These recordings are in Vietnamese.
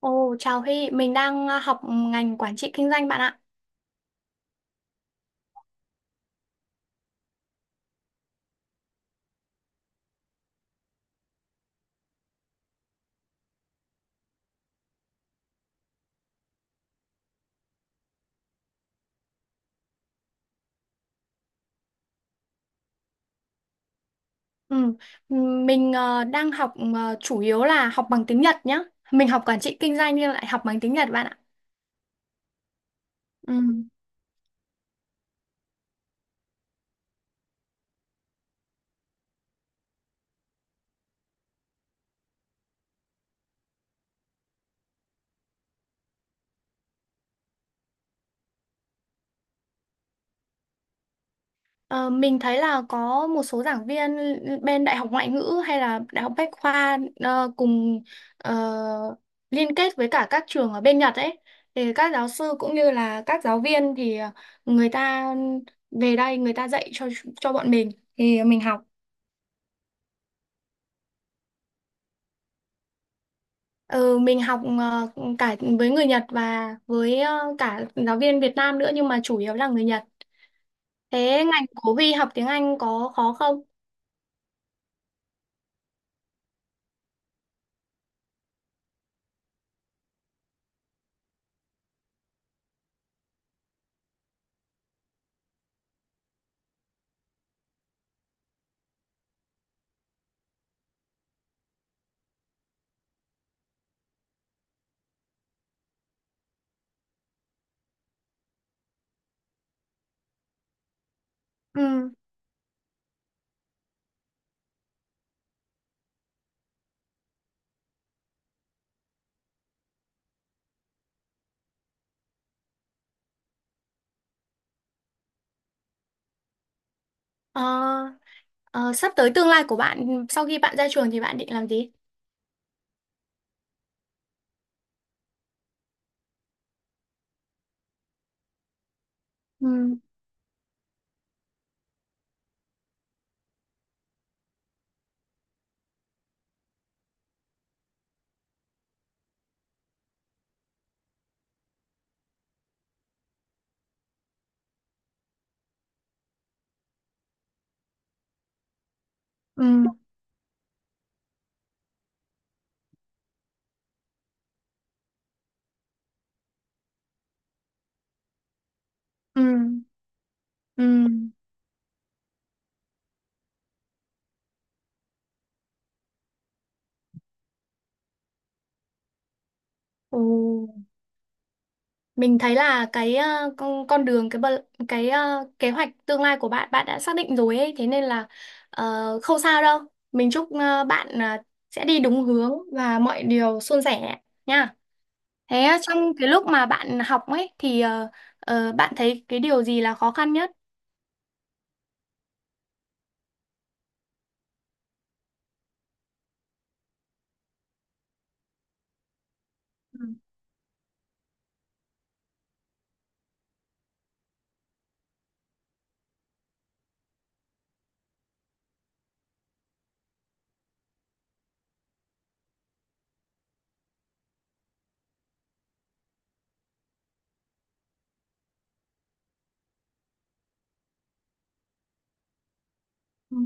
Ồ, chào Huy, mình đang học ngành quản trị kinh doanh bạn ạ. Ừ, ừ, mình đang học chủ yếu là học bằng tiếng Nhật nhá. Mình học quản trị kinh doanh nhưng lại học bằng tiếng Nhật bạn ạ. Ừ. Ờ, mình thấy là có một số giảng viên bên Đại học Ngoại ngữ hay là Đại học Bách khoa cùng ờ, liên kết với cả các trường ở bên Nhật ấy. Thì các giáo sư cũng như là các giáo viên thì người ta về đây người ta dạy cho bọn mình thì mình học. Ừ, mình học cả với người Nhật và với cả giáo viên Việt Nam nữa nhưng mà chủ yếu là người Nhật. Thế ngành của Huy học tiếng Anh có khó không? Ừ. Ờ, ờ, sắp tới tương lai của bạn sau khi bạn ra trường thì bạn định làm gì? Ừ. Ừ. Ừ. Ừ. Ừ. Mình thấy là con đường cái bờ- cái ờ, kế hoạch tương lai của bạn bạn đã xác định rồi ấy, thế nên là ờ, không sao đâu. Mình chúc bạn sẽ đi đúng hướng và mọi điều suôn sẻ nha. Thế trong cái lúc mà bạn học ấy thì bạn thấy cái điều gì là khó khăn nhất? Ừ. Ừ.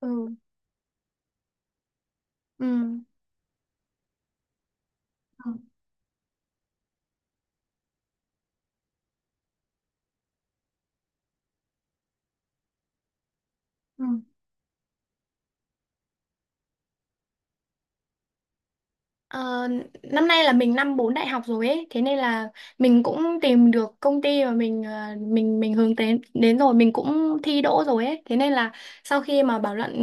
Ừ. Ừ. Ừ. Ừ. Ờ, năm nay là mình năm 4 đại học rồi ấy, thế nên là mình cũng tìm được công ty mà mình mình hướng đến đến rồi, mình cũng thi đỗ rồi ấy, thế nên là sau khi mà bảo luận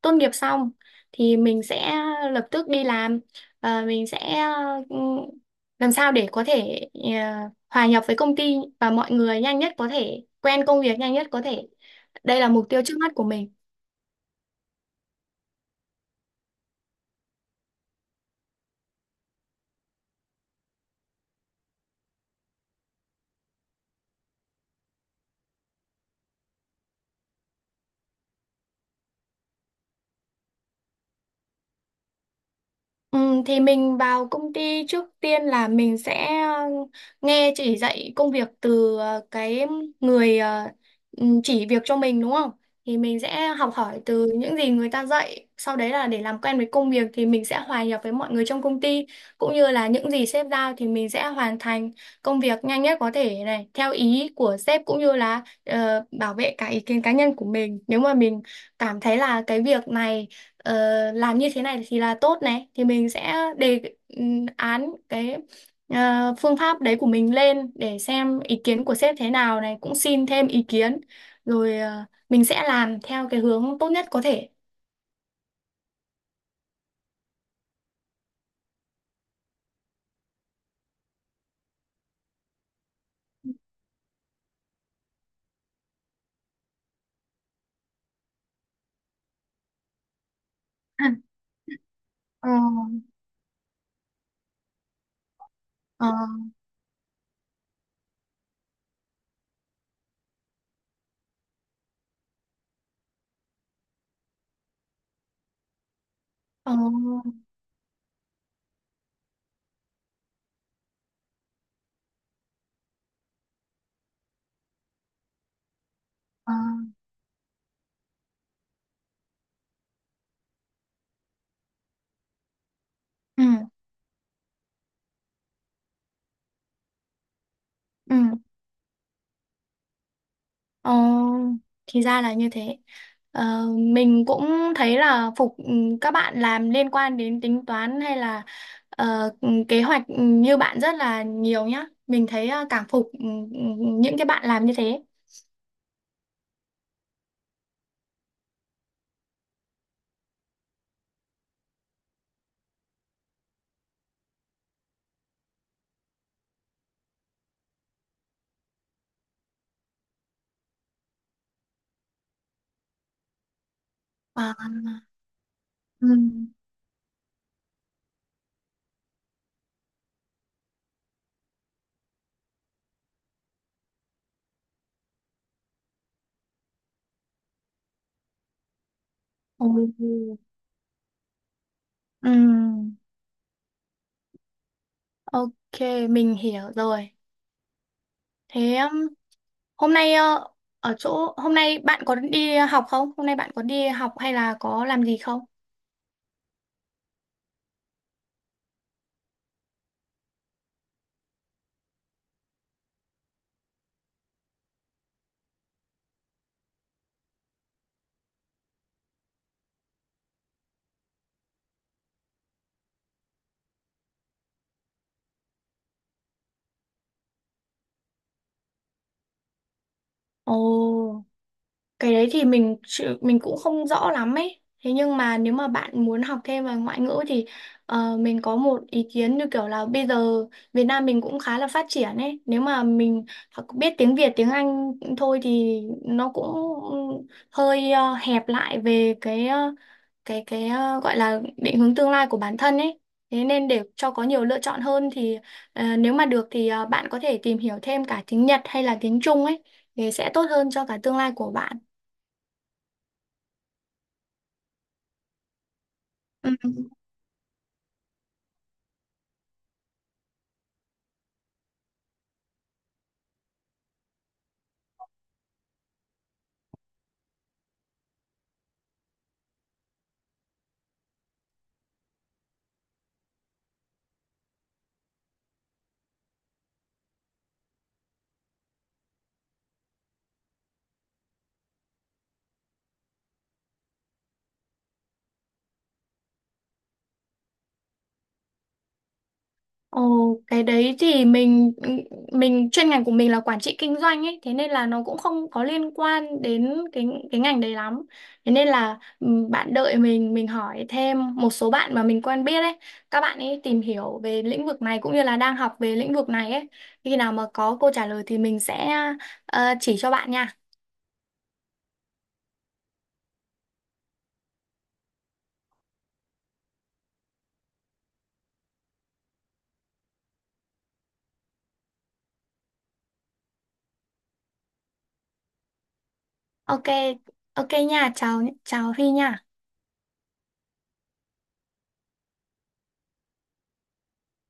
tốt nghiệp xong thì mình sẽ lập tức đi làm và mình sẽ ừ, làm sao để có thể hòa nhập với công ty và mọi người nhanh nhất có thể, quen công việc nhanh nhất có thể. Đây là mục tiêu trước mắt của mình. Ừ, thì mình vào công ty trước tiên là mình sẽ nghe chỉ dạy công việc từ cái người chỉ việc cho mình đúng không? Thì mình sẽ học hỏi từ những gì người ta dạy. Sau đấy là để làm quen với công việc thì mình sẽ hòa nhập với mọi người trong công ty cũng như là những gì sếp giao thì mình sẽ hoàn thành công việc nhanh nhất có thể này theo ý của sếp cũng như là bảo vệ cả ý kiến cá nhân của mình. Nếu mà mình cảm thấy là cái việc này ờ, làm như thế này thì là tốt này thì mình sẽ đề án phương pháp đấy của mình lên để xem ý kiến của sếp thế nào này cũng xin thêm ý kiến rồi mình sẽ làm theo cái hướng tốt nhất có thể. Ừ. Ờ, ờ, ờ, ờ. Ừ, ừ. Ờ, thì ra là như thế. Ờ, mình cũng thấy là phục các bạn làm liên quan đến tính toán hay là kế hoạch như bạn rất là nhiều nhá. Mình thấy cảm phục những cái bạn làm như thế. À, ừ, ừ, ừ, ok, mình hiểu rồi. Thế hôm nay ở chỗ hôm nay bạn có đi học không? Hôm nay bạn có đi học hay là có làm gì không? Ồ. Cái đấy thì mình cũng không rõ lắm ấy. Thế nhưng mà nếu mà bạn muốn học thêm về ngoại ngữ thì mình có một ý kiến như kiểu là bây giờ Việt Nam mình cũng khá là phát triển ấy. Nếu mà mình biết tiếng Việt, tiếng Anh thôi thì nó cũng hơi hẹp lại về gọi là định hướng tương lai của bản thân ấy. Thế nên để cho có nhiều lựa chọn hơn thì nếu mà được thì bạn có thể tìm hiểu thêm cả tiếng Nhật hay là tiếng Trung ấy thì sẽ tốt hơn cho cả tương lai của bạn. Ừ. Ồ, cái đấy thì mình chuyên ngành của mình là quản trị kinh doanh ấy, thế nên là nó cũng không có liên quan đến cái ngành đấy lắm. Thế nên là bạn đợi mình hỏi thêm một số bạn mà mình quen biết ấy, các bạn ấy tìm hiểu về lĩnh vực này cũng như là đang học về lĩnh vực này ấy. Khi nào mà có câu trả lời thì mình sẽ chỉ cho bạn nha. Ok, ok nha, chào chào Huy nha.